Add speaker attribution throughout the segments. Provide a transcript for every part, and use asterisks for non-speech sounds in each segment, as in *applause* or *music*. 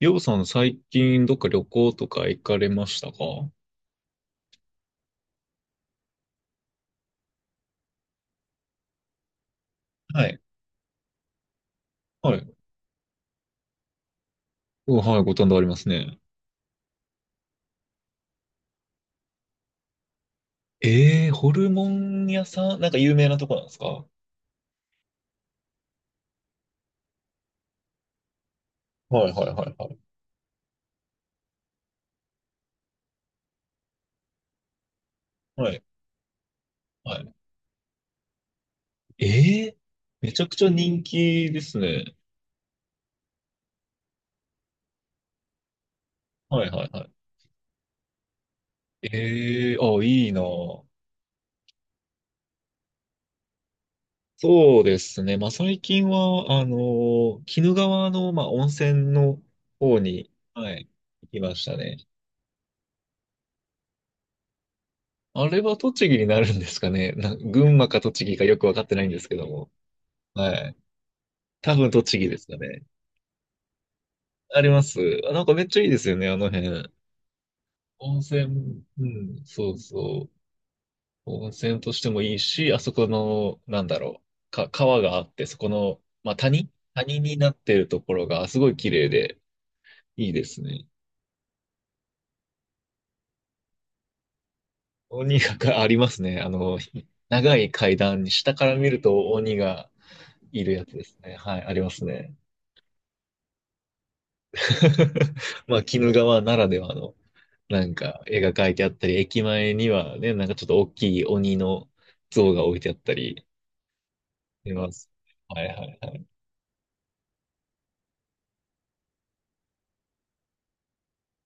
Speaker 1: ようさん、最近どっか旅行とか行かれましたか？はいはい。うんはい、ご堪能ありますね。ええー、ホルモン屋さんなんか有名なとこなんですか？はいはいはいはい。はい。はい。ええー、めちゃくちゃ人気ですね。はいはいはい。ええー、あ、いいな。そうですね。まあ、最近は、鬼怒川の、まあ、温泉の方に、はい、行きましたね。あれは栃木になるんですかね。群馬か栃木かよくわかってないんですけども。はい。多分栃木ですかね。あります。あ、なんかめっちゃいいですよね、あの辺。温泉、うん、そうそう。温泉としてもいいし、あそこの、なんだろう。川があって、そこの、まあ、谷になってるところがすごい綺麗で、いいですね。鬼が *laughs* ありますね。長い階段に下から見ると鬼がいるやつですね。はい、ありますね。*laughs* まあ、鬼怒川ならではの、なんか、絵が描いてあったり、駅前にはね、なんかちょっと大きい鬼の像が置いてあったりします。はいはいはい。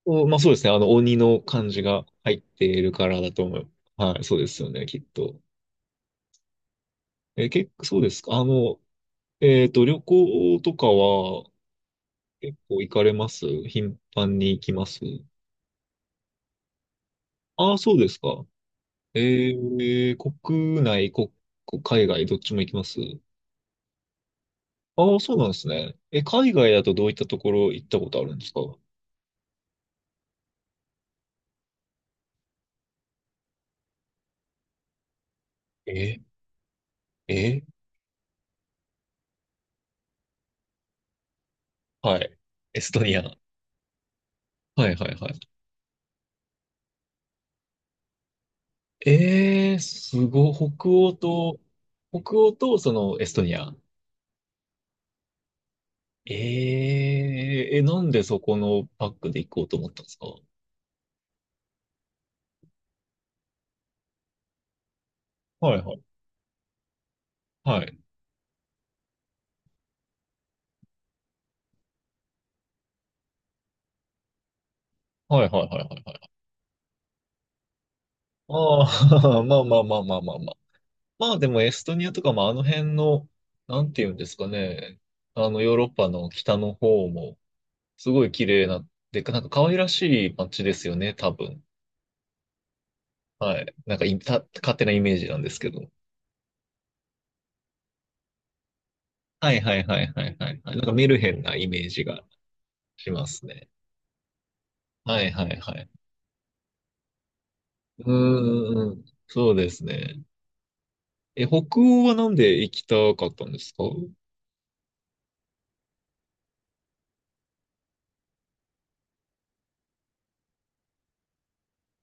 Speaker 1: お、まあそうですね。鬼の漢字が入っているからだと思う。はい、そうですよね、きっと。え、結構、そうですか。旅行とかは、結構行かれます？頻繁に行きます？ああ、そうですか。えー、国内、海外、どっちも行きます？ああ、そうなんですね。え、海外だとどういったところ行ったことあるんですか？え、え、はい。エストニア。はいはいはい。すごい、北欧とそのエストニア。え、なんでそこのパックで行こうと思ったんですか？はいはい。はい。はいはいはいはいはい。ああ、*laughs* まあまあまあまあまあまあ。まあでもエストニアとか、まああの辺の、なんていうんですかね。あのヨーロッパの北の方もすごい綺麗な、なんか可愛らしい街ですよね、多分。はい。なんかいた、勝手なイメージなんですけど。はいはいはいはいはいはい。なんかメルヘンなイメージがしますね。はいはいはい。うーんそうですね。え、北欧はなんで行きたかったんですか？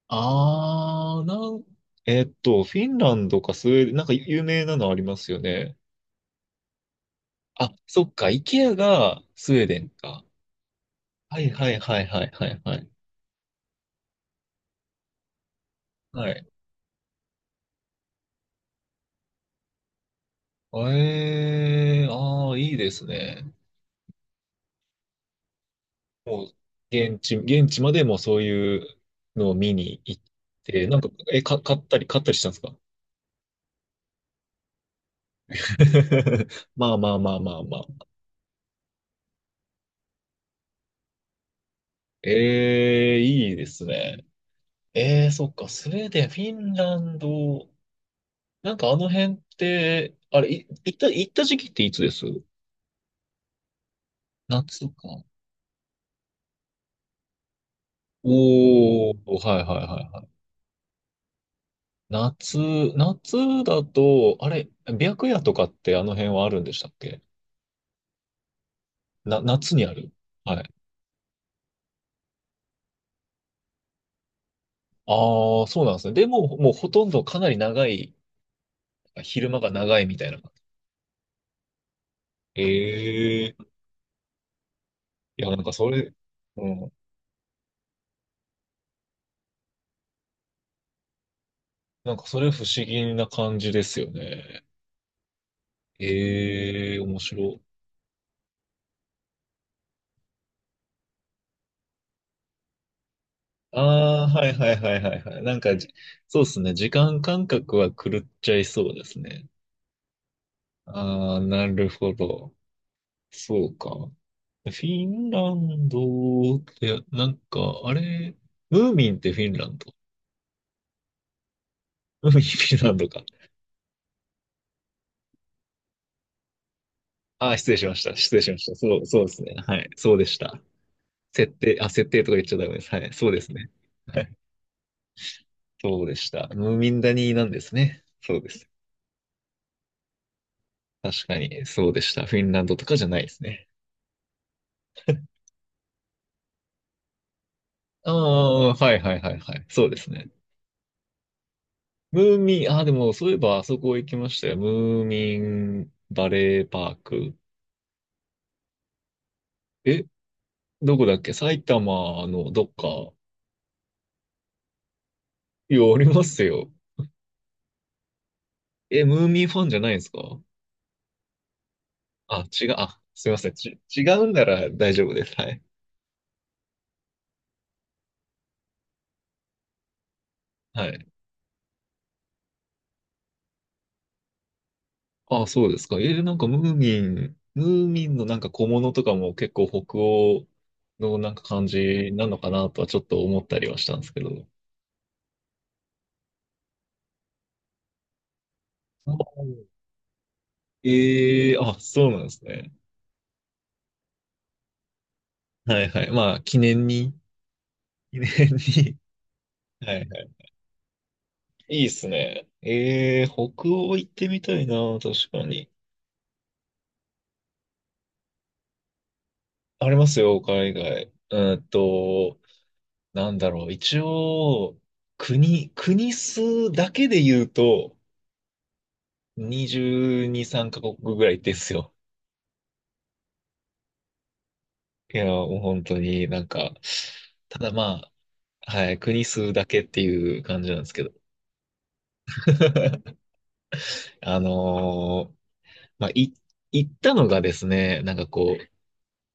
Speaker 1: あー、なん、えっと、フィンランドかスウェーデン、なんか有名なのありますよね。あ、そっか、イケアがスウェーデンか。はいはいはいはいはいはい。はいええああ、いいですね。もう、現地までもうそういうのを見に行って、なんか、え、買ったりしたんですか？ *laughs* まあまあまあまあまあ。ええいいですね。ええそっか、スウェーデン、フィンランド、なんかあの辺って、あれ、い行った、行った時期っていつです？夏か。おお、はいはいはいはい。夏、夏だと、あれ、白夜とかってあの辺はあるんでしたっけ？夏にある？はい。ああ、そうなんですね。でも、もうほとんどかなり長い、昼間が長いみたいな感じ。ええいや、なんかそれ、うん。なんかそれ不思議な感じですよね。ええ面白い。ああ、はいはいはいはいはい。なんかじ、そうですね。時間感覚は狂っちゃいそうですね。ああ、なるほど。そうか。フィンランドって、なんか、あれ、ムーミンってフィンランド？フィンランドか。あー、失礼しました。失礼しました。そう、そうですね。はい。そうでした。設定とか言っちゃダメです。はい。そうですね。はい。そうでした。ムーミンダニーなんですね。そうです。確かに、そうでした。フィンランドとかじゃないですね。ああ、はいはいはいはい。そうですね。ムーミン、ああ、でも、そういえば、あそこ行きましたよ。ムーミンバレーパーク。え、どこだっけ？埼玉のどっか。いや、ありますよ。え、ムーミンファンじゃないんですか？あ、違う、あ、すみません。違うなら大丈夫です。はい。はい。あ、そうですか。なんかムーミンのなんか小物とかも結構北欧のなんか感じなのかなとはちょっと思ったりはしたんですけど。あええあ、そうなんですね。はいはい。まあ、記念に、記念に。*laughs* はいはい。いいっすね。ええ北欧行ってみたいな、確かに。ありますよ、海外。なんだろう、一応、国数だけで言うと、22、3カ国ぐらいですよ。いや、もう本当になんか、ただまあ、はい、国数だけっていう感じなんですけど。*laughs* あのーまあ、行ったのがですね、なんかこう、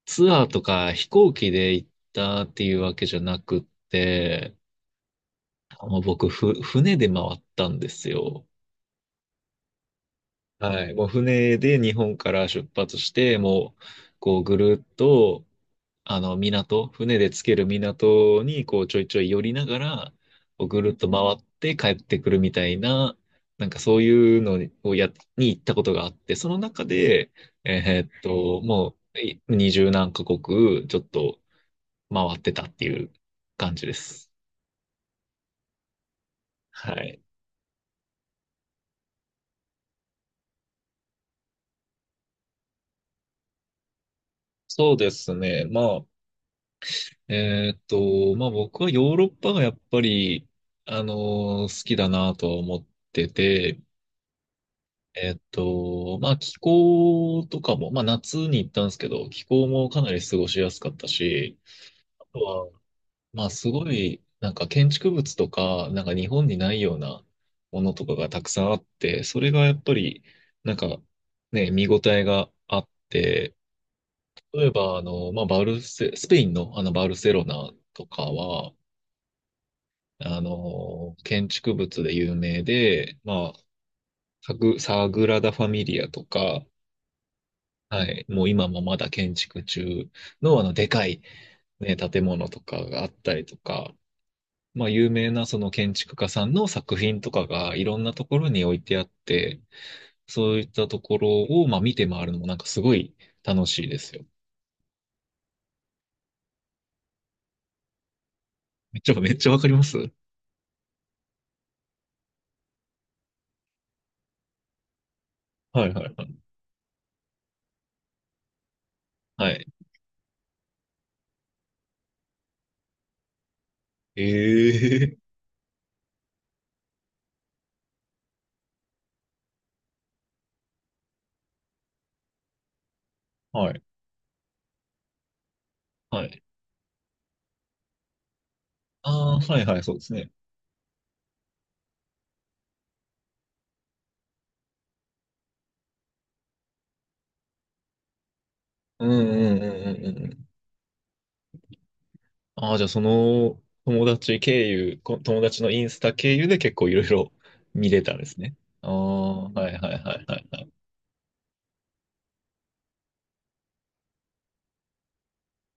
Speaker 1: ツアーとか飛行機で行ったっていうわけじゃなくって、あの僕、船で回ったんですよ。はい。もう船で日本から出発して、もう、こうぐるっと、あの、港、船でつける港に、こうちょいちょい寄りながら、こうぐるっと回って帰ってくるみたいな、なんかそういうのをに行ったことがあって、その中で、もう、二十何カ国、ちょっと回ってたっていう感じです。はい。そうですね。まあ、まあ、僕はヨーロッパがやっぱり、あの好きだなとは思ってて、まあ、気候とかも、まあ、夏に行ったんですけど、気候もかなり過ごしやすかったし、あとは、まあ、すごい、なんか建築物とか、なんか日本にないようなものとかがたくさんあって、それがやっぱり、なんか、ね、見応えがあって、例えば、あの、まあ、バルセ、スペインのあのバルセロナとかは、あの、建築物で有名で、まあ、サグラダ・ファミリアとか、はい、もう今もまだ建築中のあの、でかい、ね、建物とかがあったりとか、まあ、有名なその建築家さんの作品とかがいろんなところに置いてあって、そういったところを、まあ、見て回るのもなんかすごい楽しいですよ。めっちゃ、めっちゃわかります？はいはいはい。はい。ええはい。はい。ああ、はいはい、そうですね。うんうんうんうんうんああ、じゃあその友達経由、友達のインスタ経由で結構いろいろ見れたんですね。ああ、はいはいはいはいはい。